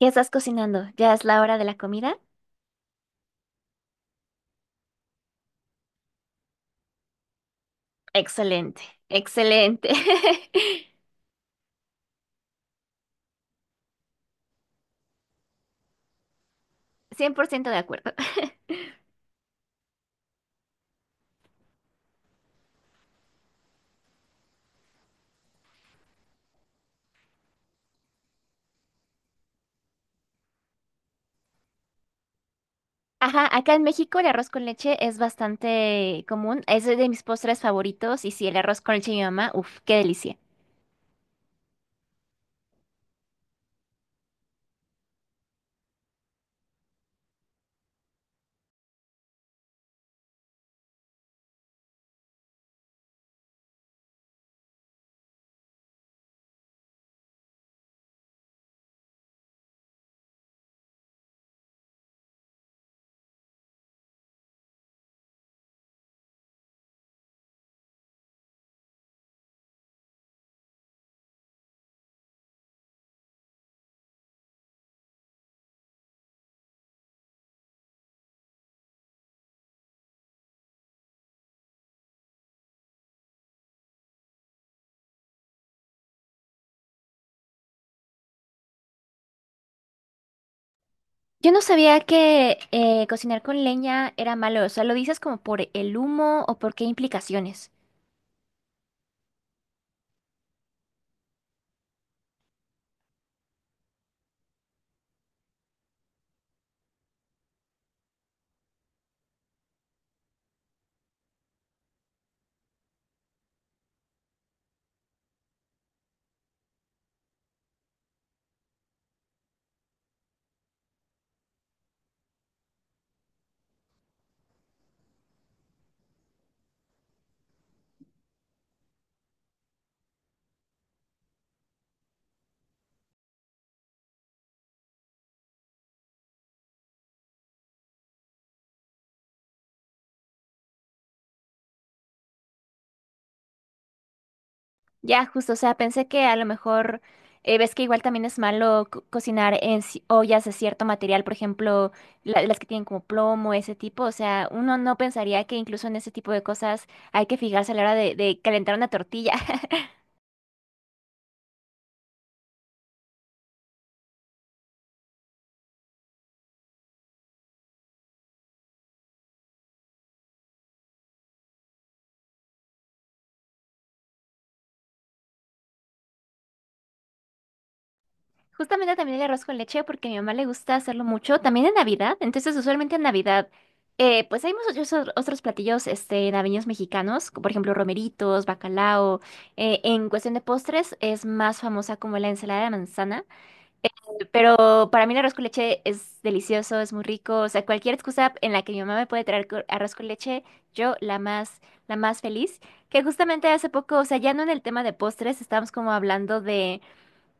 ¿Ya estás cocinando? ¿Ya es la hora de la comida? Excelente, excelente. 100% de acuerdo. Ajá, acá en México el arroz con leche es bastante común. Es de mis postres favoritos. Y sí, el arroz con leche de mi mamá, uff, qué delicia. Yo no sabía que cocinar con leña era malo. O sea, ¿lo dices como por el humo o por qué implicaciones? Ya, justo, o sea, pensé que a lo mejor ves que igual también es malo cocinar en ollas de cierto material, por ejemplo, las que tienen como plomo, ese tipo, o sea, uno no pensaría que incluso en ese tipo de cosas hay que fijarse a la hora de calentar una tortilla. Justamente también el arroz con leche, porque a mi mamá le gusta hacerlo mucho, también en Navidad, entonces usualmente en Navidad, pues hay muchos otros platillos este, navideños mexicanos, como por ejemplo romeritos, bacalao, en cuestión de postres es más famosa como la ensalada de manzana. Pero para mí el arroz con leche es delicioso, es muy rico. O sea, cualquier excusa en la que mi mamá me puede traer arroz con leche, yo la más feliz. Que justamente hace poco, o sea, ya no en el tema de postres, estábamos como hablando de,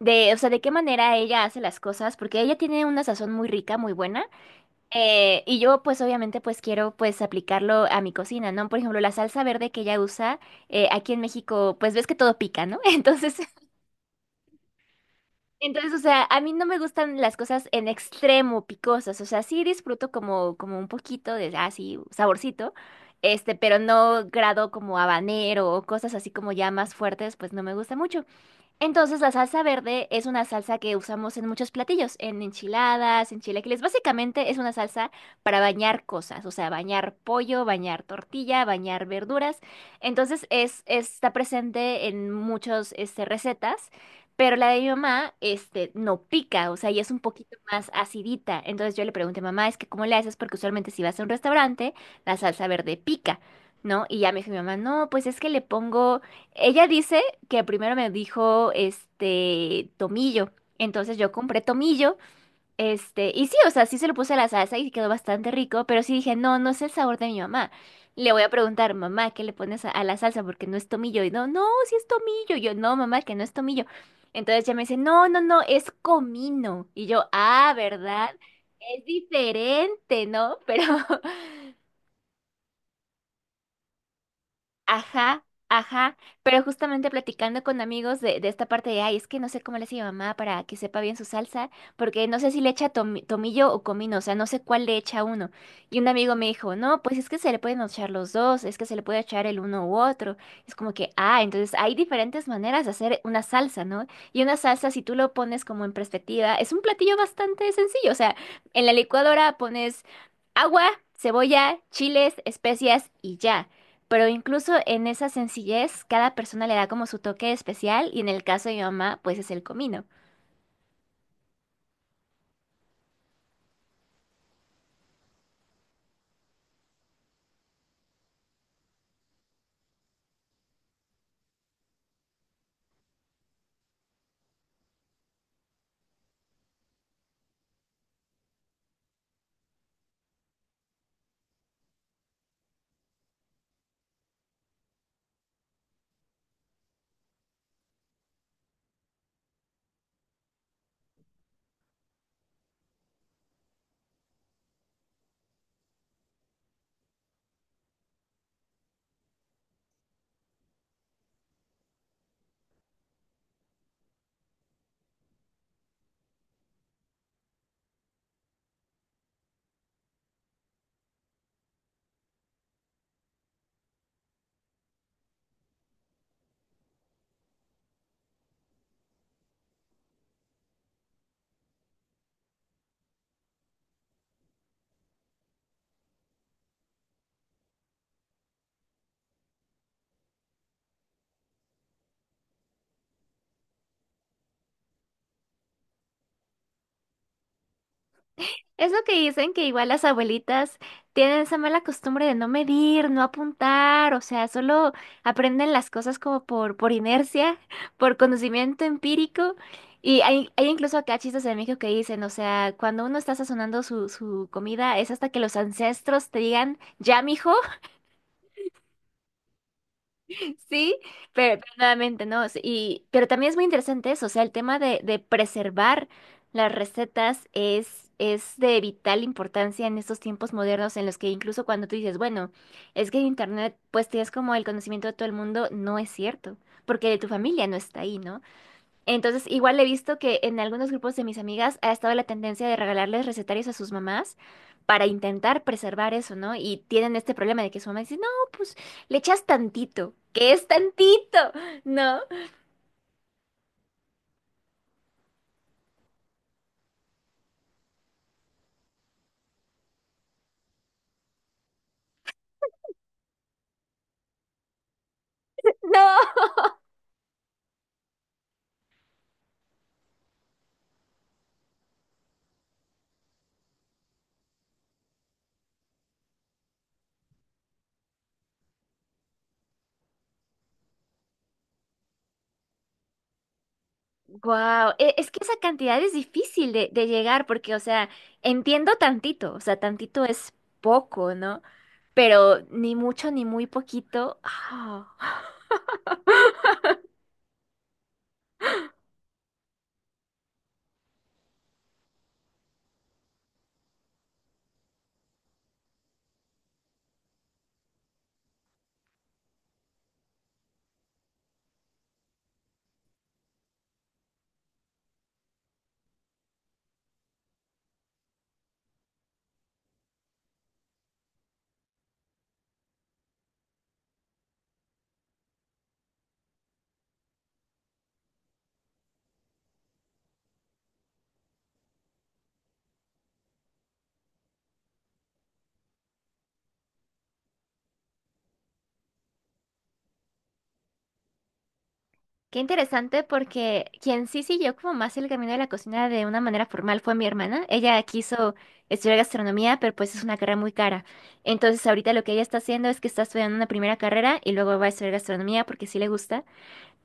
o sea, de qué manera ella hace las cosas, porque ella tiene una sazón muy rica, muy buena. Y yo, pues, obviamente, pues quiero, pues, aplicarlo a mi cocina, ¿no? Por ejemplo, la salsa verde que ella usa, aquí en México, pues ves que todo pica, ¿no? Entonces, o sea, a mí no me gustan las cosas en extremo picosas, o sea, sí disfruto como, como un poquito de, así saborcito, este, pero no grado como habanero o cosas así como ya más fuertes, pues no me gusta mucho. Entonces, la salsa verde es una salsa que usamos en muchos platillos, en enchiladas, en chilaquiles. Básicamente es una salsa para bañar cosas, o sea, bañar pollo, bañar tortilla, bañar verduras. Entonces, es, está presente en muchas este, recetas, pero la de mi mamá este, no pica, o sea, y es un poquito más acidita. Entonces, yo le pregunté, mamá, es que ¿cómo le haces? Porque usualmente si vas a un restaurante, la salsa verde pica, ¿no? Y ya me dijo mi mamá, no, pues es que le pongo... Ella dice que primero me dijo este tomillo. Entonces yo compré tomillo, este, y sí, o sea, sí se lo puse a la salsa y quedó bastante rico, pero sí dije, no, no es el sabor de mi mamá. Le voy a preguntar, mamá, ¿qué le pones a la salsa? Porque no es tomillo. Y no, no, sí es tomillo. Y yo, no, mamá, que no es tomillo. Entonces ella me dice, no, no, no, es comino. Y yo, ah, ¿verdad? Es diferente, ¿no? Pero Ajá, ajá, pero justamente platicando con amigos de esta parte de, ay, es que no sé cómo le hace mi mamá para que sepa bien su salsa, porque no sé si le echa tomillo o comino, o sea, no sé cuál le echa uno. Y un amigo me dijo, no, pues es que se le pueden echar los dos, es que se le puede echar el uno u otro. Es como que, ah, entonces hay diferentes maneras de hacer una salsa, ¿no? Y una salsa, si tú lo pones como en perspectiva, es un platillo bastante sencillo, o sea, en la licuadora pones agua, cebolla, chiles, especias y ya. Pero incluso en esa sencillez, cada persona le da como su toque especial y en el caso de mi mamá, pues es el comino. Es lo que dicen que igual las abuelitas tienen esa mala costumbre de no medir, no apuntar, o sea, solo aprenden las cosas como por inercia, por conocimiento empírico. Y hay incluso acá chistes de México que dicen, o sea, cuando uno está sazonando su, su comida, es hasta que los ancestros te digan, ya, mijo. Sí, pero nuevamente, ¿no? Sí, y, pero también es muy interesante eso, o sea, el tema de preservar las recetas es de vital importancia en estos tiempos modernos en los que incluso cuando tú dices, bueno, es que en Internet pues tienes como el conocimiento de todo el mundo, no es cierto, porque tu familia no está ahí, ¿no? Entonces, igual he visto que en algunos grupos de mis amigas ha estado la tendencia de regalarles recetarios a sus mamás para intentar preservar eso, ¿no? Y tienen este problema de que su mamá dice, no, pues le echas tantito, que es tantito, ¿no? No. Wow, es que esa cantidad es difícil de llegar porque, o sea, entiendo tantito, o sea, tantito es poco, ¿no? Pero ni mucho ni muy poquito. Ah. Qué interesante porque quien sí siguió como más el camino de la cocina de una manera formal fue mi hermana. Ella quiso estudiar gastronomía, pero pues es una carrera muy cara. Entonces ahorita lo que ella está haciendo es que está estudiando una primera carrera y luego va a estudiar gastronomía porque sí le gusta.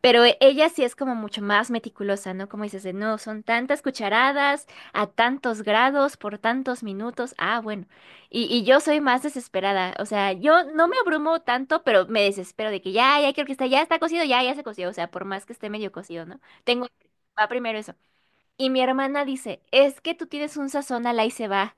Pero ella sí es como mucho más meticulosa, ¿no? Como dices, de no, son tantas cucharadas, a tantos grados, por tantos minutos. Ah, bueno. Y yo soy más desesperada. O sea, yo no me abrumo tanto, pero me desespero de que ya, ya quiero que está, ya está cocido, ya, ya se coció. O sea, por más que esté medio cocido, ¿no? Tengo, va primero eso. Y mi hermana dice, es que tú tienes un sazón al ahí se va.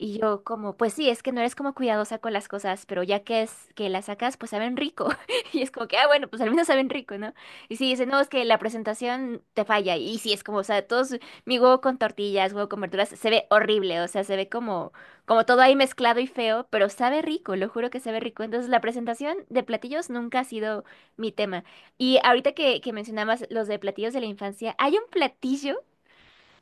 Y yo como, pues sí, es que no eres como cuidadosa con las cosas, pero ya que es que las sacas, pues saben rico. Y es como que, ah, bueno, pues al menos saben rico, ¿no? Y sí, dice, no, es que la presentación te falla. Y sí, es como, o sea, todos, mi huevo con tortillas, huevo con verduras, se ve horrible, o sea, se ve como, como todo ahí mezclado y feo, pero sabe rico, lo juro que sabe rico. Entonces, la presentación de platillos nunca ha sido mi tema. Y ahorita que mencionabas los de platillos de la infancia, hay un platillo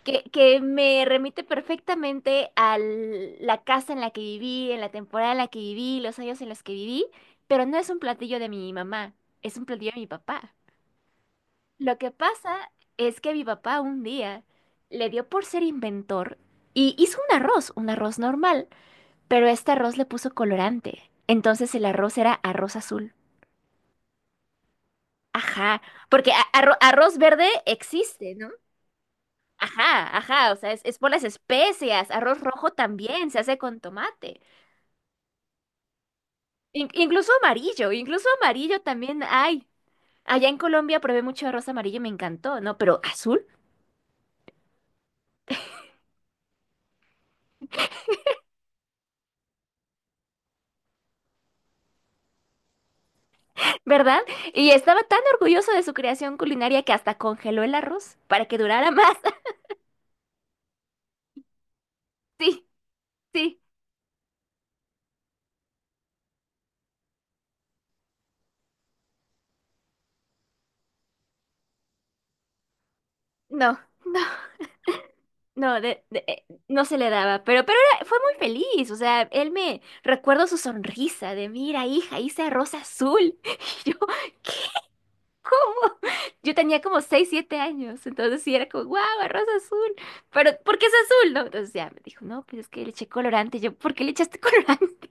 que me remite perfectamente a la casa en la que viví, en la temporada en la que viví, los años en los que viví, pero no es un platillo de mi mamá, es un platillo de mi papá. Lo que pasa es que mi papá un día le dio por ser inventor y hizo un arroz normal, pero este arroz le puso colorante. Entonces el arroz era arroz azul. Ajá, porque arroz verde existe, ¿no? Ajá, ajá, o sea, es por las especias, arroz rojo también se hace con tomate, incluso amarillo también hay. Allá en Colombia probé mucho arroz amarillo, y me encantó, ¿no? Pero azul, ¿verdad? Y estaba tan orgulloso de su creación culinaria que hasta congeló el arroz para que durara más. Sí, sí, no, no, no, no se le daba, pero fue muy feliz, o sea, él me recuerdo su sonrisa de, mira, hija, hice arroz azul. Yo tenía como 6 o 7 años, entonces sí era como, wow, arroz azul, pero ¿por qué es azul? No, entonces ya me dijo, no, pues es que le eché colorante. Y yo, ¿por qué le echaste colorante?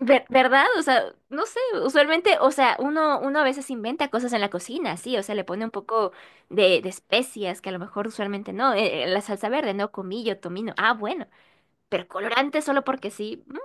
¿Verdad? O sea, no sé, usualmente, o sea, uno, uno a veces inventa cosas en la cocina, sí, o sea, le pone un poco de especias que a lo mejor usualmente no, la salsa verde, no, comillo, tomino, ah, bueno, pero colorante solo porque sí. Mm.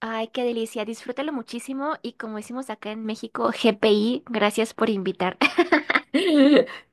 Ay, qué delicia, disfrútalo muchísimo y como decimos acá en México, GPI, gracias por invitar.